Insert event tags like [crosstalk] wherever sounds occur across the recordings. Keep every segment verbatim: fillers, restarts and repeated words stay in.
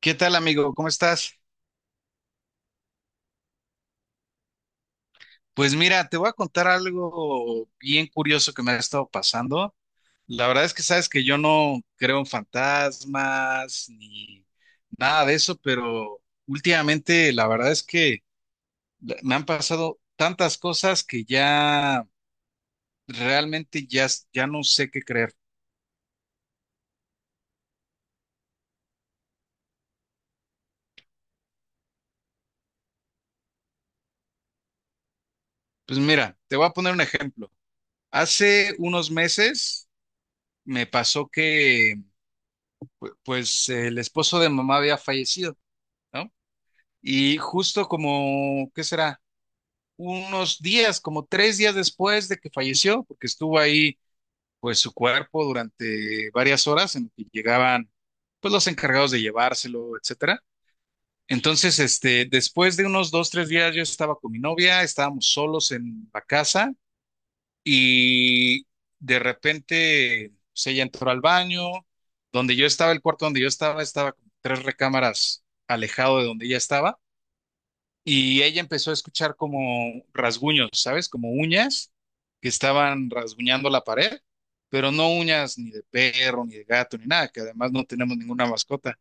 ¿Qué tal, amigo? ¿Cómo estás? Pues mira, te voy a contar algo bien curioso que me ha estado pasando. La verdad es que sabes que yo no creo en fantasmas ni nada de eso, pero últimamente la verdad es que me han pasado tantas cosas que ya realmente ya, ya no sé qué creer. Pues mira, te voy a poner un ejemplo. Hace unos meses me pasó que pues el esposo de mamá había fallecido. ¿No? Y justo como, ¿qué será? Unos días, como tres días después de que falleció, porque estuvo ahí, pues su cuerpo durante varias horas en que llegaban, pues los encargados de llevárselo, etcétera. Entonces, este, después de unos dos, tres días, yo estaba con mi novia, estábamos solos en la casa y de repente, pues ella entró al baño, donde yo estaba, el cuarto donde yo estaba, estaba como tres recámaras alejado de donde ella estaba. Y ella empezó a escuchar como rasguños, ¿sabes? Como uñas que estaban rasguñando la pared, pero no uñas ni de perro, ni de gato, ni nada, que además no tenemos ninguna mascota.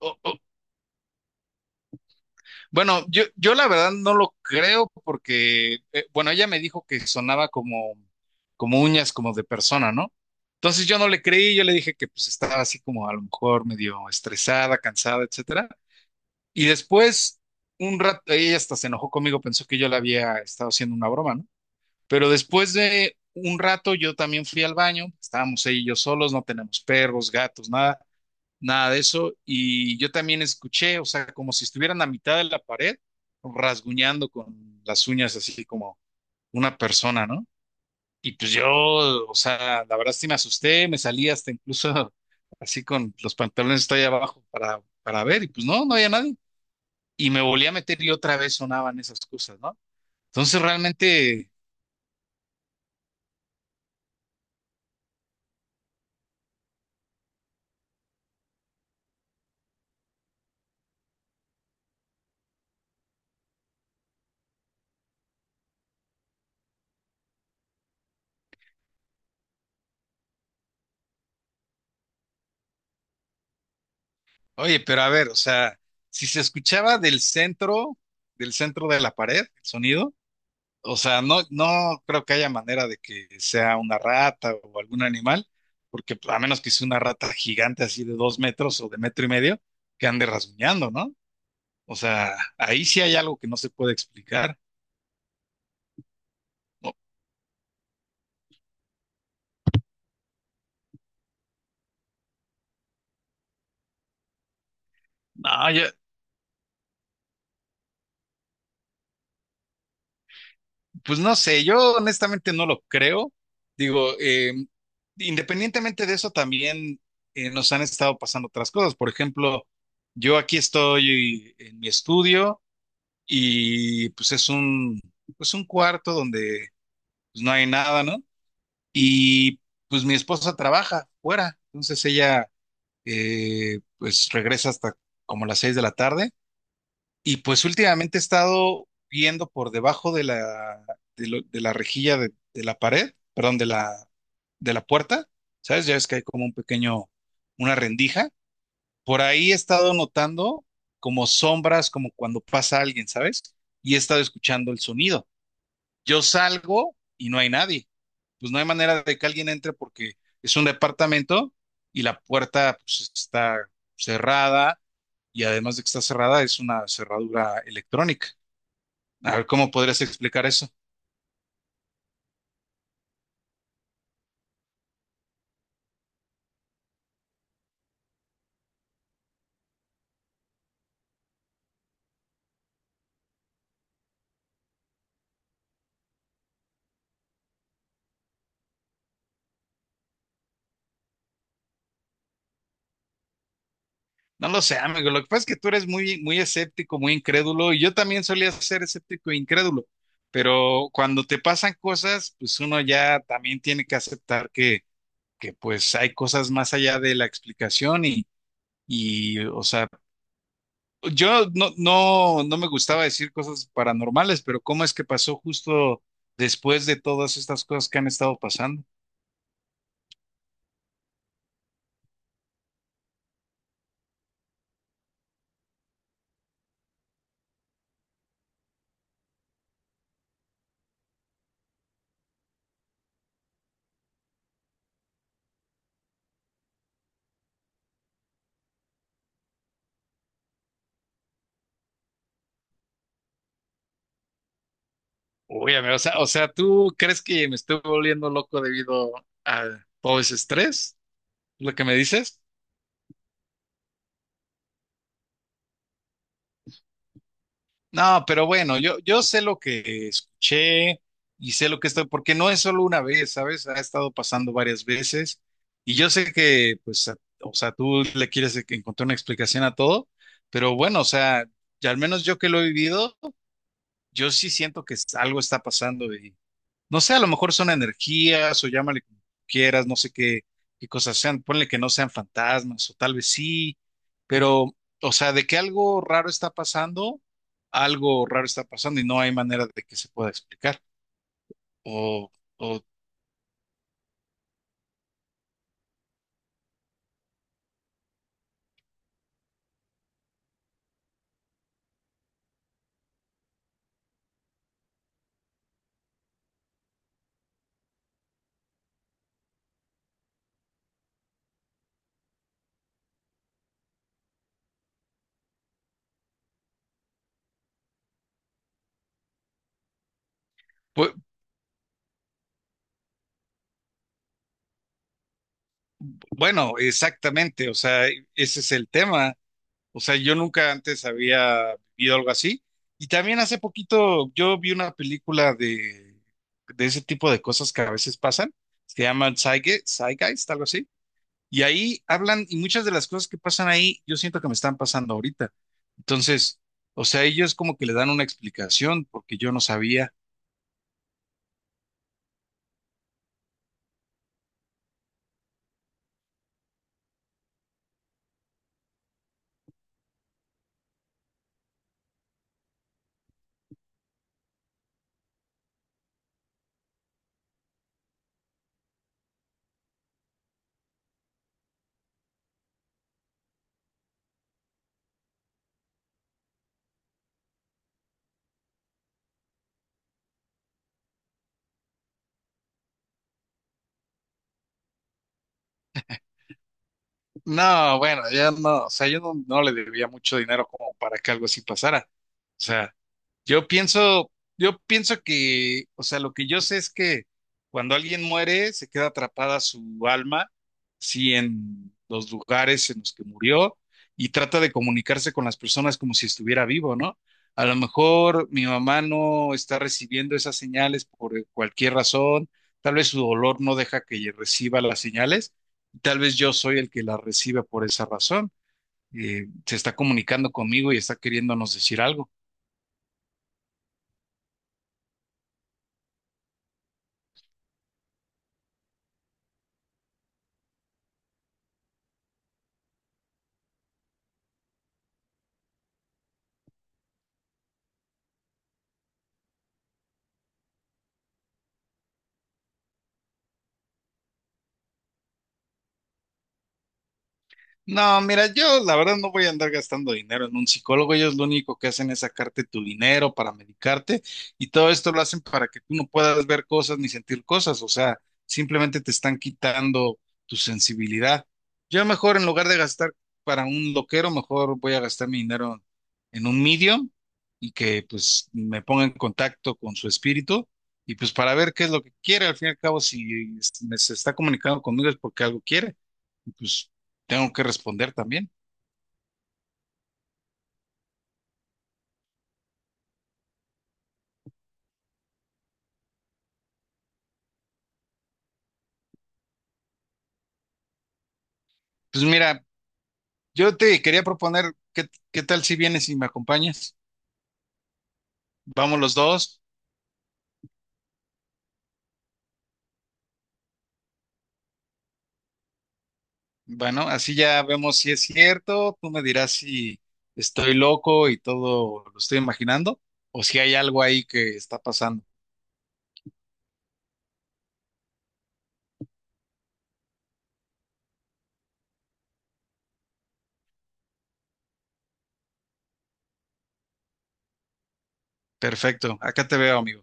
O- o- Bueno, yo, yo la verdad no lo creo porque, eh, bueno, ella me dijo que sonaba como, como uñas como de persona, ¿no? Entonces yo no le creí, yo le dije que pues estaba así como a lo mejor medio estresada, cansada, etcétera. Y después, un rato, ella hasta se enojó conmigo, pensó que yo le había estado haciendo una broma, ¿no? Pero después de un rato yo también fui al baño, estábamos ella y yo solos, no tenemos perros, gatos, nada, nada de eso. Y yo también escuché, o sea, como si estuvieran a mitad de la pared, rasguñando con las uñas así como una persona, ¿no? Y pues yo, o sea, la verdad sí me asusté, me salí hasta incluso [laughs] así con los pantalones hasta ahí abajo para, para ver, y pues no, no había nadie y me volví a meter y otra vez sonaban esas cosas, ¿no? Entonces realmente, oye, pero a ver, o sea, si se escuchaba del centro, del centro de la pared, el sonido, o sea, no, no creo que haya manera de que sea una rata o algún animal, porque pues, a menos que sea una rata gigante así de dos metros o de metro y medio, que ande rasguñando, ¿no? O sea, ahí sí hay algo que no se puede explicar. No, no, yo, pues no sé, yo honestamente no lo creo. Digo, eh, independientemente de eso, también eh, nos han estado pasando otras cosas. Por ejemplo, yo aquí estoy en mi estudio y pues es un, pues un cuarto donde pues, no hay nada, ¿no? Y pues mi esposa trabaja fuera, entonces ella eh, pues regresa hasta como las seis de la tarde y pues últimamente he estado viendo por debajo de la, de lo- de la rejilla de, de la pared, perdón, de la, de la puerta, ¿sabes? Ya ves que hay como un pequeño, una rendija. Por ahí he estado notando como sombras, como cuando pasa alguien, ¿sabes? Y he estado escuchando el sonido. Yo salgo y no hay nadie. Pues no hay manera de que alguien entre porque es un departamento y la puerta pues, está cerrada y además de que está cerrada es una cerradura electrónica. A ver, ¿cómo podrías explicar eso? No lo sé, amigo. Lo que pasa es que tú eres muy, muy escéptico, muy incrédulo, y yo también solía ser escéptico e incrédulo. Pero cuando te pasan cosas, pues uno ya también tiene que aceptar que, que pues hay cosas más allá de la explicación y, y, o sea, yo no, no, no me gustaba decir cosas paranormales, pero ¿cómo es que pasó justo después de todas estas cosas que han estado pasando? Uy, amigo, o sea, o sea, ¿tú crees que me estoy volviendo loco debido a todo ese estrés? ¿Lo que me dices? No, pero bueno, yo, yo sé lo que escuché y sé lo que estoy, porque no es solo una vez, ¿sabes? Ha estado pasando varias veces y yo sé que, pues, a- o sea, tú le quieres e- encontrar una explicación a todo, pero bueno, o sea, ya al menos yo que lo he vivido, yo sí siento que algo está pasando. No sé, a lo mejor son energías o llámale como quieras, no sé qué, qué cosas sean, ponle que no sean fantasmas o tal vez sí, pero, o sea, de que algo raro está pasando, algo raro está pasando y no hay manera de que se pueda explicar. O, o pu- bueno, exactamente, o sea, ese es el tema. O sea, yo nunca antes había vivido algo así. Y también hace poquito yo vi una película de, de ese tipo de cosas que a veces pasan. Se llaman Zeitge- Zeitgeist, algo así. Y ahí hablan, y muchas de las cosas que pasan ahí, yo siento que me están pasando ahorita. Entonces, o sea, ellos como que le dan una explicación porque yo no sabía. No, bueno, ya no, o sea, yo no, no le debía mucho dinero como para que algo así pasara. O sea, Yo pienso, yo pienso que, o sea, lo que yo sé es que cuando alguien muere, se queda atrapada su alma, sí, en los lugares en los que murió y trata de comunicarse con las personas como si estuviera vivo, ¿no? A lo mejor mi mamá no está recibiendo esas señales por cualquier razón, tal vez su dolor no deja que ella reciba las señales, tal vez yo soy el que las recibe por esa razón. Eh, se está comunicando conmigo y está queriéndonos decir algo. No, mira, yo la verdad no voy a andar gastando dinero en un psicólogo. Ellos lo único que hacen es sacarte tu dinero para medicarte y todo esto lo hacen para que tú no puedas ver cosas ni sentir cosas. O sea, simplemente te están quitando tu sensibilidad. Yo mejor en lugar de gastar para un loquero, mejor voy a gastar mi dinero en un medium y que pues me ponga en contacto con su espíritu y pues para ver qué es lo que quiere. Al fin y al cabo, si es- me se está comunicando conmigo es porque algo quiere pues tengo que responder también. Pues mira, yo te quería proponer, ¿qué, qué tal si vienes y me acompañas? Vamos los dos. Bueno, así ya vemos si es cierto. Tú me dirás si estoy loco y todo lo estoy imaginando o si hay algo ahí que está pasando. Perfecto, acá te veo, amigo.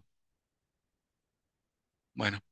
Bueno, ok.